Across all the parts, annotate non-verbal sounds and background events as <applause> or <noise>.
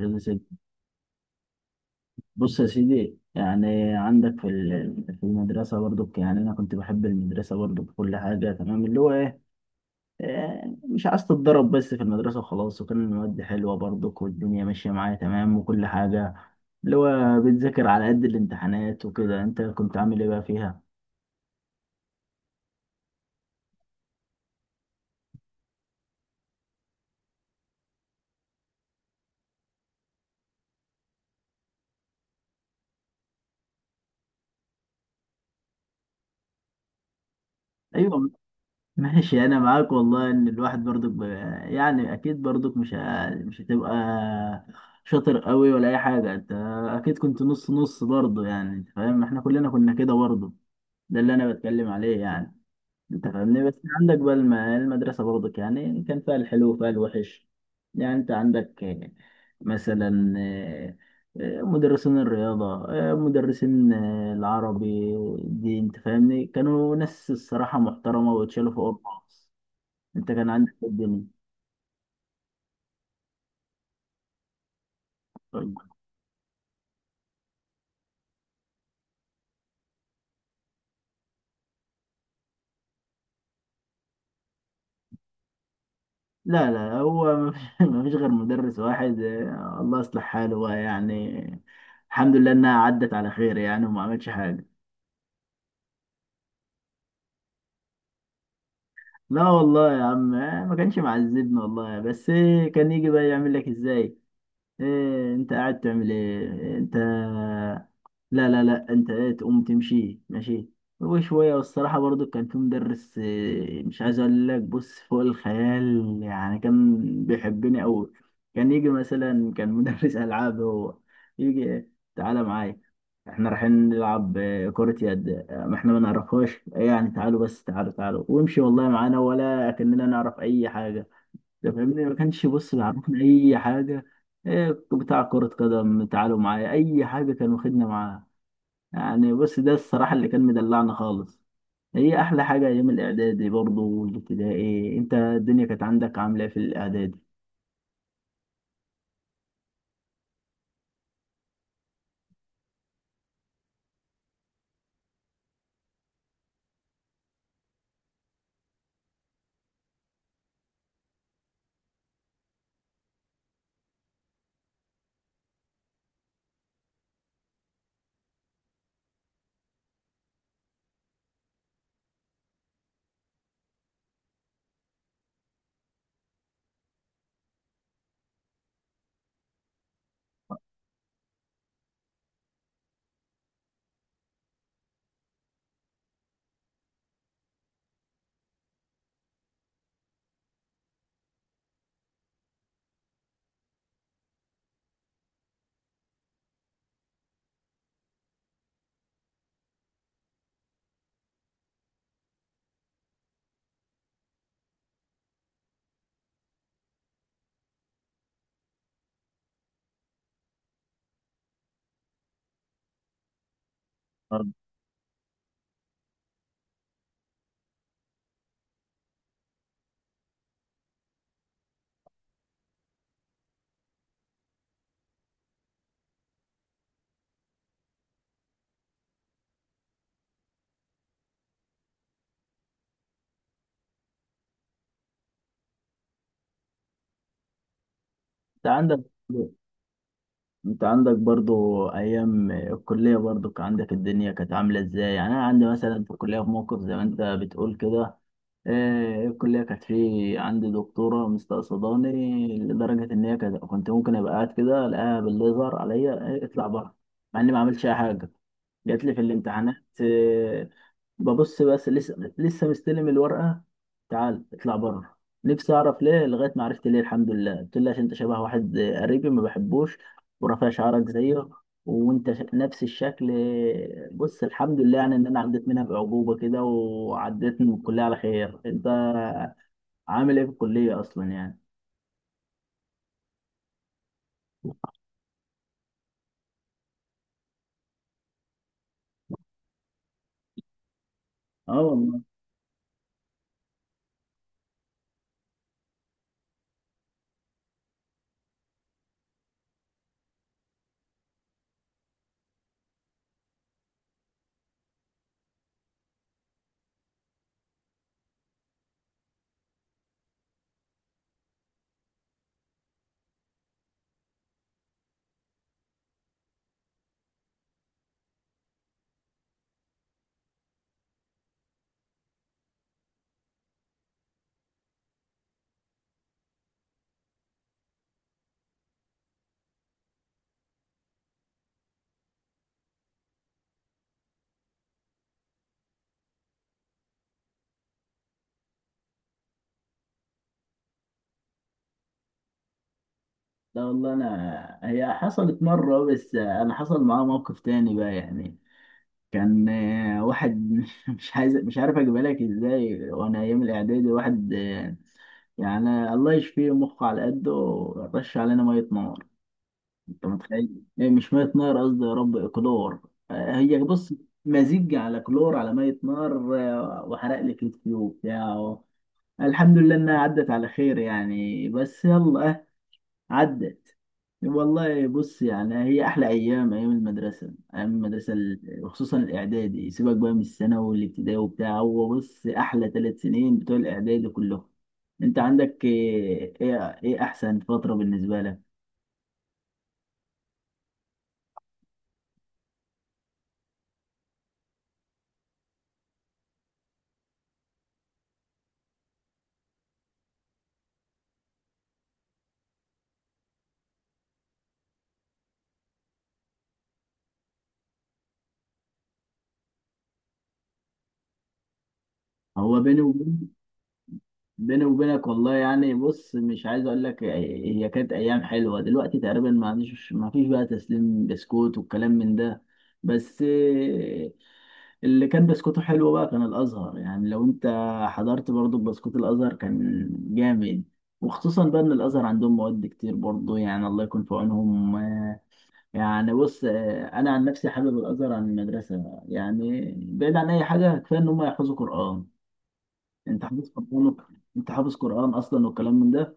يا سيدي. بص يا سيدي يعني عندك في المدرسة برضو يعني أنا كنت بحب المدرسة برضو بكل حاجة تمام اللي هو إيه مش عايز تتضرب بس في المدرسة وخلاص وكان المواد حلوة برضو والدنيا ماشية معايا تمام وكل حاجة اللي هو بتذاكر على قد الامتحانات وكده أنت كنت عامل إيه بقى فيها؟ أيوة، ماشي انا معاك والله ان الواحد برضك يعني اكيد برضك مش هتبقى شاطر قوي ولا اي حاجه انت اكيد كنت نص نص برضه يعني انت فاهم احنا كلنا كنا كده برضه ده اللي انا بتكلم عليه يعني انت فاهمني بس عندك بقى المدرسه برضك يعني كان فيها الحلو وفيها الوحش يعني انت عندك مثلا مدرسين الرياضة مدرسين العربي دي انت فاهمني كانوا ناس الصراحة محترمة ويتشالوا فوق الراس انت كان عندك إيه الدنيا؟ طيب، لا لا هو <laughs> ما فيش غير مدرس واحد، الله يصلح حاله بقى يعني الحمد لله انها عدت على خير يعني وما عملش حاجه. لا والله يا عم، ما كانش معذبنا والله بس كان يجي بقى يعمل لك ازاي، إيه انت قاعد تعمل ايه انت؟ لا انت ايه، تقوم تمشي ماشي وشوية. والصراحة برضو كان في مدرس، مش عايز اقول لك، بص فوق الخيال يعني، كان بيحبني اوي. كان يجي مثلا، كان مدرس <laughs> العاب، هو يجي تعالى معايا احنا رايحين نلعب كرة يد، ما احنا ما نعرفهاش، يعني تعالوا بس تعالوا ويمشي والله معانا ولا كأننا نعرف اي حاجة. ده فاهمني، ما كانش بص بيعرفنا اي حاجة. بتاع كرة قدم، تعالوا معايا اي حاجة كان واخدنا معاه. يعني بص، ده الصراحة اللي كان مدلعنا خالص. هي أحلى حاجة أيام الإعدادي برضه والابتدائي. أنت الدنيا كانت عندك عاملة إيه في الإعدادي برضه؟ أنت عندك، أنت عندك برضه أيام الكلية برضه كان عندك الدنيا كانت عاملة إزاي؟ يعني أنا عندي مثلا في الكلية في موقف زي ما أنت بتقول كده. الكلية كانت في عندي دكتورة مستقصداني لدرجة إن هي كنت ممكن أبقى قاعد كده ألاقيها بالليزر عليا، اطلع بره، مع إني ما عملتش أي حاجة. جات لي في الامتحانات، ببص بس لسه مستلم الورقة، تعال اطلع بره. نفسي اعرف ليه، لغاية ما عرفت ليه الحمد لله. قلت له عشان انت شبه واحد قريبي ما بحبوش، ورافع شعرك زيه، وانت ش- نفس الشكل. بص الحمد لله يعني ان انا عديت منها بأعجوبة كده وعديت من الكلية على خير. انت عامل ايه في الكلية اصلا يعني؟ اه والله. لا والله انا هي حصلت مرة، بس انا حصل معايا موقف تاني بقى يعني. كان واحد <laughs> مش عارف اجيبها لك ازاي، وانا ايام الاعدادي واحد يعني الله يشفيه مخه على قده، رش علينا ميه نار. انت متخيل؟ إيه، مش ميه نار قصدي، يا رب، كلور. هي بص، مزيج على كلور على ميه نار، وحرق لي كتفي وبتاع. الحمد لله انها عدت على خير يعني، بس يلا عدت. والله بص يعني هي احلى ايام، ايام المدرسه وخصوصا الاعدادي، سيبك بقى من الثانوي والابتدائي وبتاع، هو بص احلى ثلاث سنين بتوع الاعدادي كلهم. انت عندك ايه، إيه احسن فتره بالنسبه لك؟ هو بيني وبين بيني وبينك والله يعني بص، مش عايز اقول لك، هي كانت ايام حلوه. دلوقتي تقريبا ما عنديش، ما فيش بقى تسليم بسكوت والكلام من ده، بس اللي كان بسكوته حلو بقى كان الازهر. يعني لو انت حضرت برضو بسكوت الازهر كان جامد. وخصوصا بقى ان الازهر عندهم مواد كتير برضو، يعني الله يكون في عونهم. يعني بص، انا عن نفسي حابب الازهر عن المدرسه، يعني بعيد عن اي حاجه كفايه ان هم يحفظوا قران. انت حافظ قران؟ انت حافظ قران اصلا والكلام من ده؟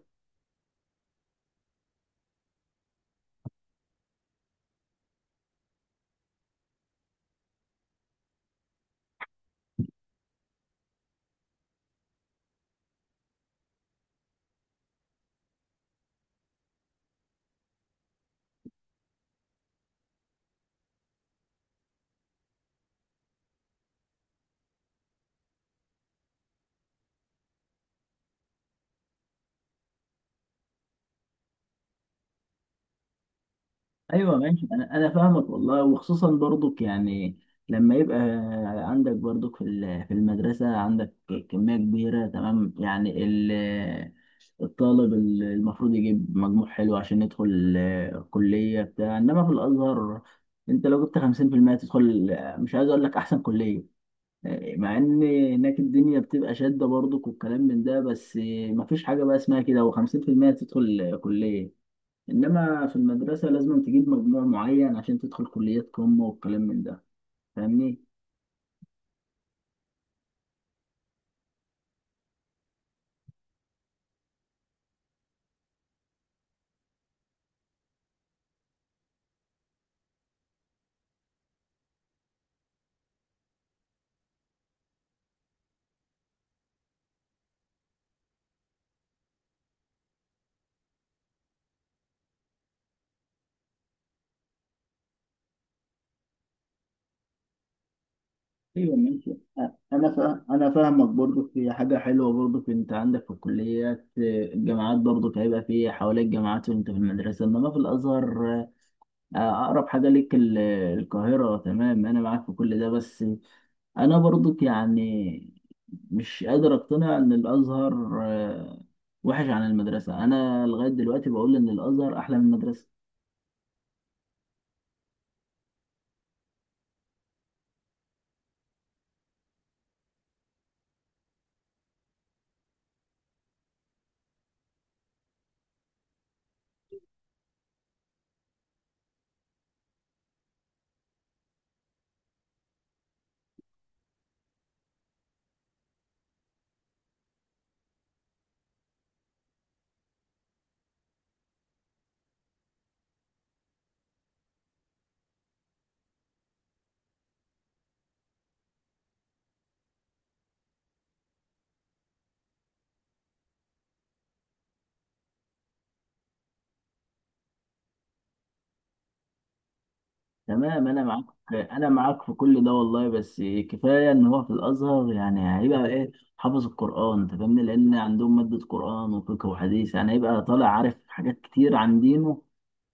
ايوه ماشي، انا فاهمك والله. وخصوصا برضك يعني لما يبقى عندك برضك في المدرسه، عندك كميه كبيره تمام، يعني الطالب المفروض يجيب مجموع حلو عشان يدخل كليه بتاع، انما في الازهر انت لو جبت 50% تدخل، مش عايز اقول لك احسن كليه. مع ان هناك الدنيا بتبقى شاده برضك والكلام من ده، بس مفيش حاجه بقى اسمها كده، و50% تدخل كليه. انما في المدرسه لازم تجيب مجموع معين عشان تدخل كليه قمه والكلام من ده، فاهمني. ايوه ماشي. أ- انا فاهمك برضو. في حاجه حلوه برضو، انت عندك في الكليات الجامعات برضو هيبقى في حواليك جامعات وانت في المدرسه، انما في الازهر اقرب حاجه ليك القاهره. تمام، انا معاك في كل ده. بس انا برضو يعني مش قادر اقتنع ان الازهر وحش عن المدرسه. انا لغايه دلوقتي بقول ان الازهر احلى من المدرسه. تمام، انا معاك في كل ده والله. بس كفايه ان هو في الازهر يعني هيبقى ايه، حافظ القران، انت فاهمني، لان عندهم ماده قران وفقه وحديث، يعني هيبقى طالع عارف حاجات كتير عن دينه،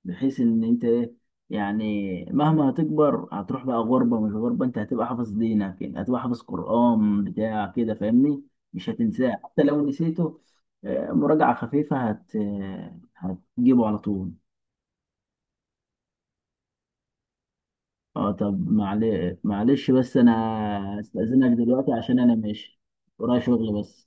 بحيث ان انت ايه يعني مهما هتكبر هتروح بقى غربه مش غربه، انت هتبقى حافظ دينك يعني هتبقى حافظ قران بتاع كده، فاهمني، مش هتنساه. حتى لو نسيته مراجعه خفيفه هت آه، هتجيبه على طول. اه طب معلش بس انا استأذنك دلوقتي عشان انا ماشي ورايا شغل، بس.